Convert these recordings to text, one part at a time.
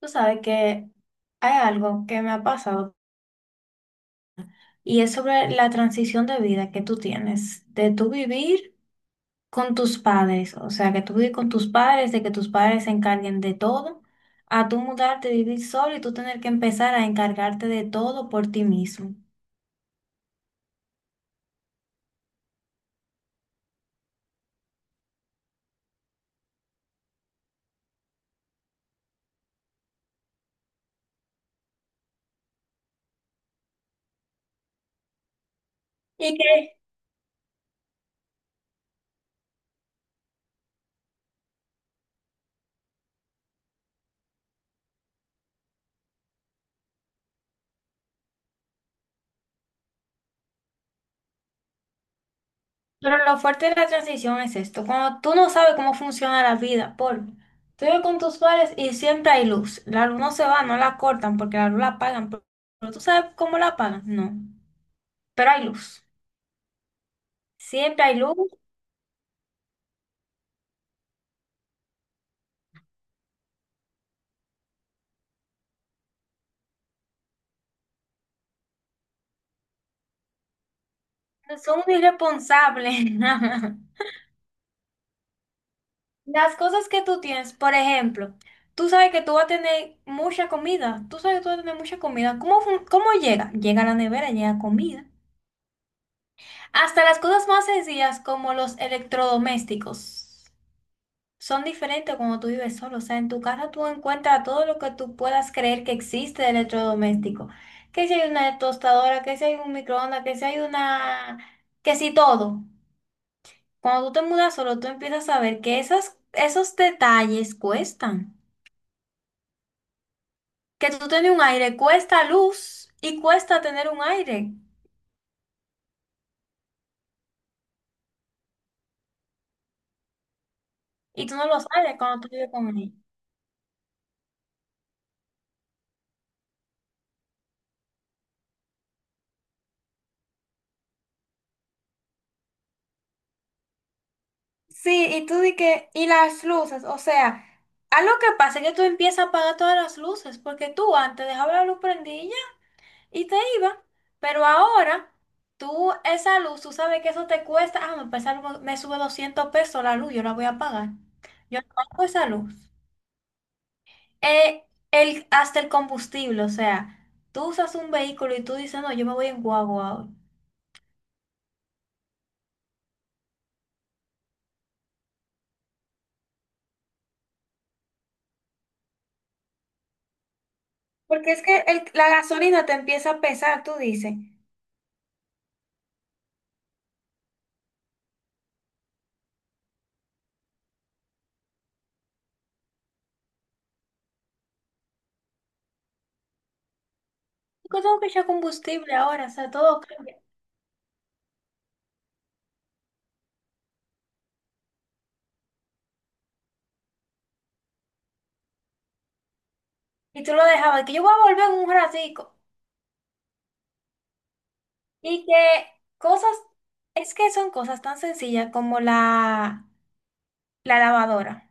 Tú sabes que hay algo que me ha pasado y es sobre la transición de vida que tú tienes, de tú vivir con tus padres, o sea, que tú vives con tus padres, de que tus padres se encarguen de todo, a tú mudarte, vivir solo y tú tener que empezar a encargarte de todo por ti mismo. ¿Y qué? Pero lo fuerte de la transición es esto, cuando tú no sabes cómo funciona la vida, por tú vives con tus padres y siempre hay luz, la luz no se va, no la cortan porque la luz la apagan, pero tú sabes cómo la apagan, no. Pero hay luz. Siempre hay luz. Son unos irresponsables. Las cosas que tú tienes, por ejemplo, tú sabes que tú vas a tener mucha comida. Tú sabes que tú vas a tener mucha comida. ¿Cómo, cómo llega? Llega a la nevera, llega comida. Hasta las cosas más sencillas como los electrodomésticos son diferentes cuando tú vives solo. O sea, en tu casa tú encuentras todo lo que tú puedas creer que existe de electrodoméstico. Que si hay una tostadora, que si hay un microondas, que si hay una... que si todo. Cuando tú te mudas solo, tú empiezas a ver que esos detalles cuestan. Que tú tener un aire cuesta luz y cuesta tener un aire. Y tú no lo sabes cuando tú vives con él. Sí, y tú di que, y las luces, o sea, algo que pasa es que tú empiezas a apagar todas las luces, porque tú antes dejabas la luz prendida y ya, y te iba, pero ahora tú esa luz, tú sabes que eso te cuesta, ah, me sube 200 pesos la luz, yo la voy a pagar. Yo apago esa luz. eh, hasta el combustible, o sea, tú usas un vehículo y tú dices, no, yo me voy en guagua hoy. Porque es que la gasolina te empieza a pesar, tú dices. Yo tengo que echar combustible ahora, o sea, todo cambia. Y tú lo dejabas, que yo voy a volver en un ratico. Y que cosas, es que son cosas tan sencillas como la lavadora.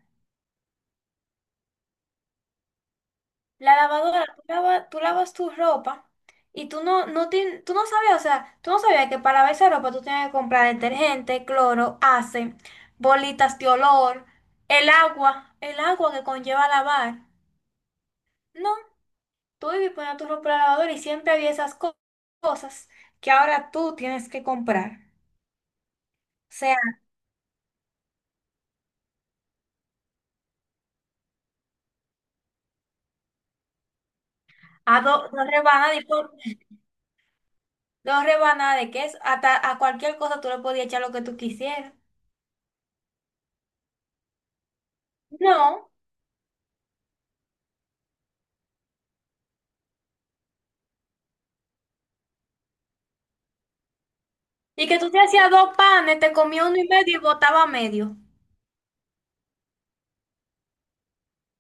La lavadora, tú lavas tu ropa y tú no sabías, o sea, tú no sabías que para lavar esa ropa tú tenías que comprar detergente, cloro, ace, bolitas de olor, el agua que conlleva lavar. No, tú ibas y ponías tu ropa en la lavadora y siempre había cosas que ahora tú tienes que comprar. O sea, a do- dos rebanadas de por- dos rebanadas de queso, hasta a cualquier cosa tú le podías echar lo que tú quisieras. No. Y que tú te hacías dos panes, te comías uno y medio y botaba medio.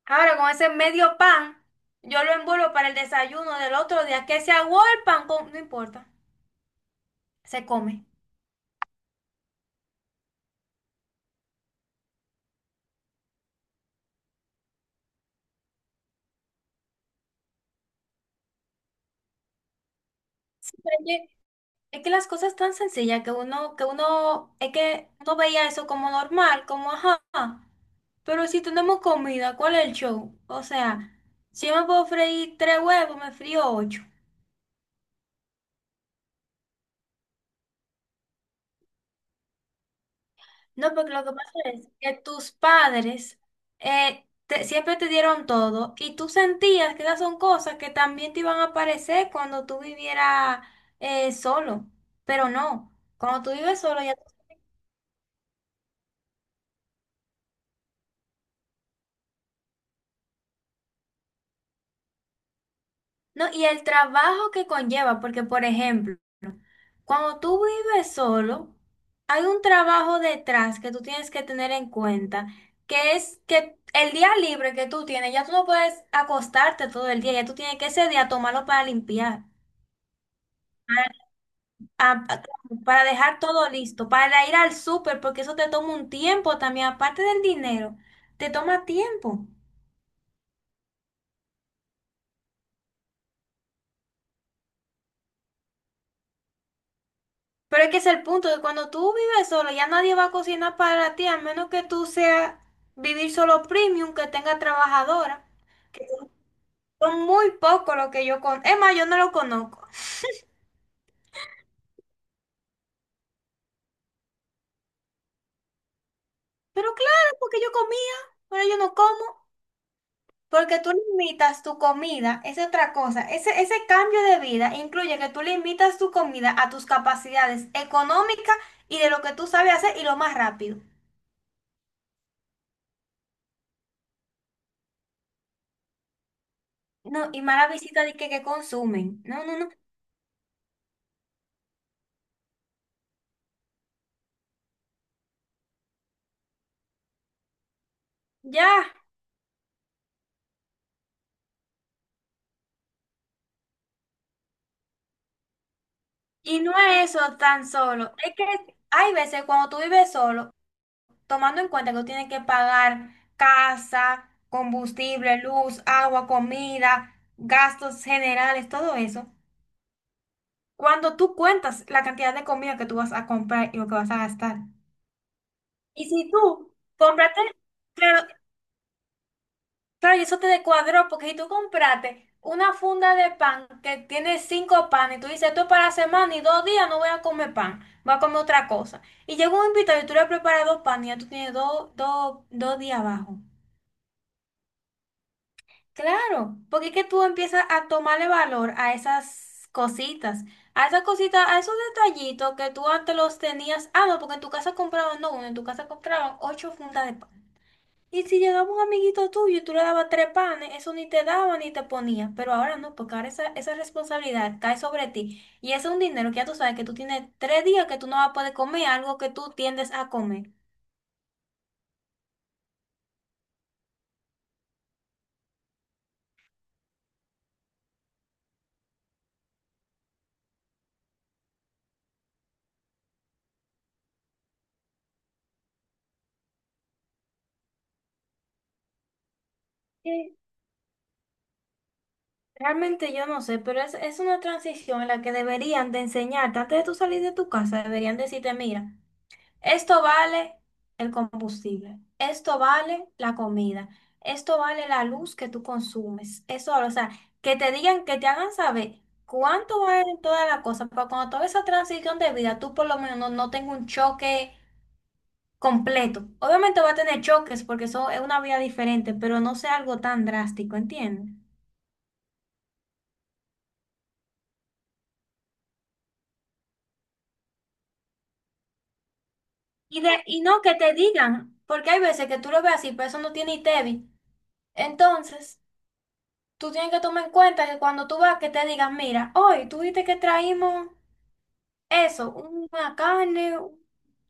Ahora con ese medio pan, yo lo envuelvo para el desayuno del otro día. Que se aguó el pan, no importa, se come. Sí, pero es que las cosas tan sencillas que uno, es que uno veía eso como normal, como ajá. Pero si tenemos comida, ¿cuál es el show? O sea, si yo me puedo freír tres huevos, me frío ocho. No, porque lo que pasa es que tus padres siempre te dieron todo y tú sentías que esas son cosas que también te iban a aparecer cuando tú vivieras, solo, pero no, cuando tú vives solo ya... No, y el trabajo que conlleva, porque por ejemplo, cuando tú vives solo, hay un trabajo detrás que tú tienes que tener en cuenta, que es que el día libre que tú tienes, ya tú no puedes acostarte todo el día, ya tú tienes que ese día tomarlo para limpiar. Ah, claro, para dejar todo listo, para ir al súper, porque eso te toma un tiempo también, aparte del dinero, te toma tiempo. Pero es que ese es el punto, que cuando tú vives solo, ya nadie va a cocinar para ti, a menos que tú seas vivir solo premium, que tenga trabajadora, que son muy pocos los que yo conozco. Es más, yo no lo conozco. Pero claro, porque yo comía, ahora yo no como. Porque tú limitas tu comida, es otra cosa. Ese cambio de vida incluye que tú limitas tu comida a tus capacidades económicas y de lo que tú sabes hacer y lo más rápido. No, y mala visita de que consumen. No, no, no. Ya. Y no es eso tan solo. Es que hay veces cuando tú vives solo, tomando en cuenta que tú tienes que pagar casa, combustible, luz, agua, comida, gastos generales, todo eso. Cuando tú cuentas la cantidad de comida que tú vas a comprar y lo que vas a gastar. Y si tú compraste, claro, claro, y eso te descuadró, porque si tú compraste una funda de pan que tiene cinco panes, y tú dices, esto es para la semana y dos días no voy a comer pan, voy a comer otra cosa. Y llega un invitado y tú le has preparado pan y ya tú tienes dos días abajo. Claro, porque es que tú empiezas a tomarle valor a esas cositas, a esas cositas, a esos detallitos que tú antes los tenías. Ah, no, porque en tu casa compraban, no, uno, en tu casa compraban ocho fundas de pan. Y si llegaba un amiguito tuyo y tú le dabas tres panes, eso ni te daba ni te ponía. Pero ahora no, porque ahora esa responsabilidad cae sobre ti. Y ese es un dinero que ya tú sabes que tú tienes tres días que tú no vas a poder comer algo que tú tiendes a comer. Realmente yo no sé, pero es una transición en la que deberían de enseñarte, antes de tú salir de tu casa, deberían decirte, mira, esto vale el combustible, esto vale la comida, esto vale la luz que tú consumes, eso, o sea, que te digan, que te hagan saber cuánto vale toda la cosa, para cuando toda esa transición de vida, tú por lo menos no tengas un choque completo. Obviamente va a tener choques porque eso es una vida diferente, pero no sea algo tan drástico, ¿entiendes? Y no que te digan, porque hay veces que tú lo ves así, pero eso no tiene ITEVI. Entonces, tú tienes que tomar en cuenta que cuando tú vas, que te digan, mira, hoy tú viste que traímos eso, una carne, un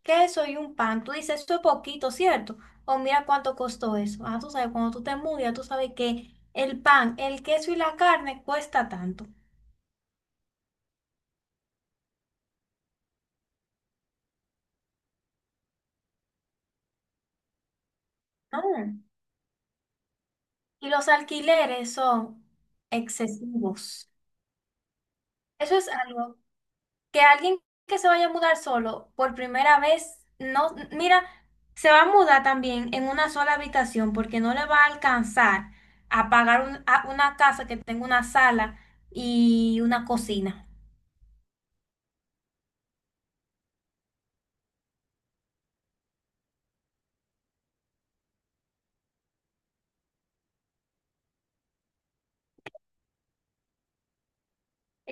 queso y un pan. Tú dices, esto es poquito, ¿cierto? O mira cuánto costó eso. Ah, tú sabes, cuando tú te mudas, ya tú sabes que el pan, el queso y la carne cuesta tanto. No. Y los alquileres son excesivos. Eso es algo que alguien que se vaya a mudar solo por primera vez, no, mira, se va a mudar también en una sola habitación porque no le va a alcanzar a pagar a una casa que tenga una sala y una cocina.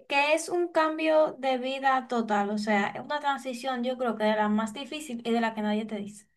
Que es un cambio de vida total, o sea, es una transición yo creo que de la más difícil y de la que nadie te dice.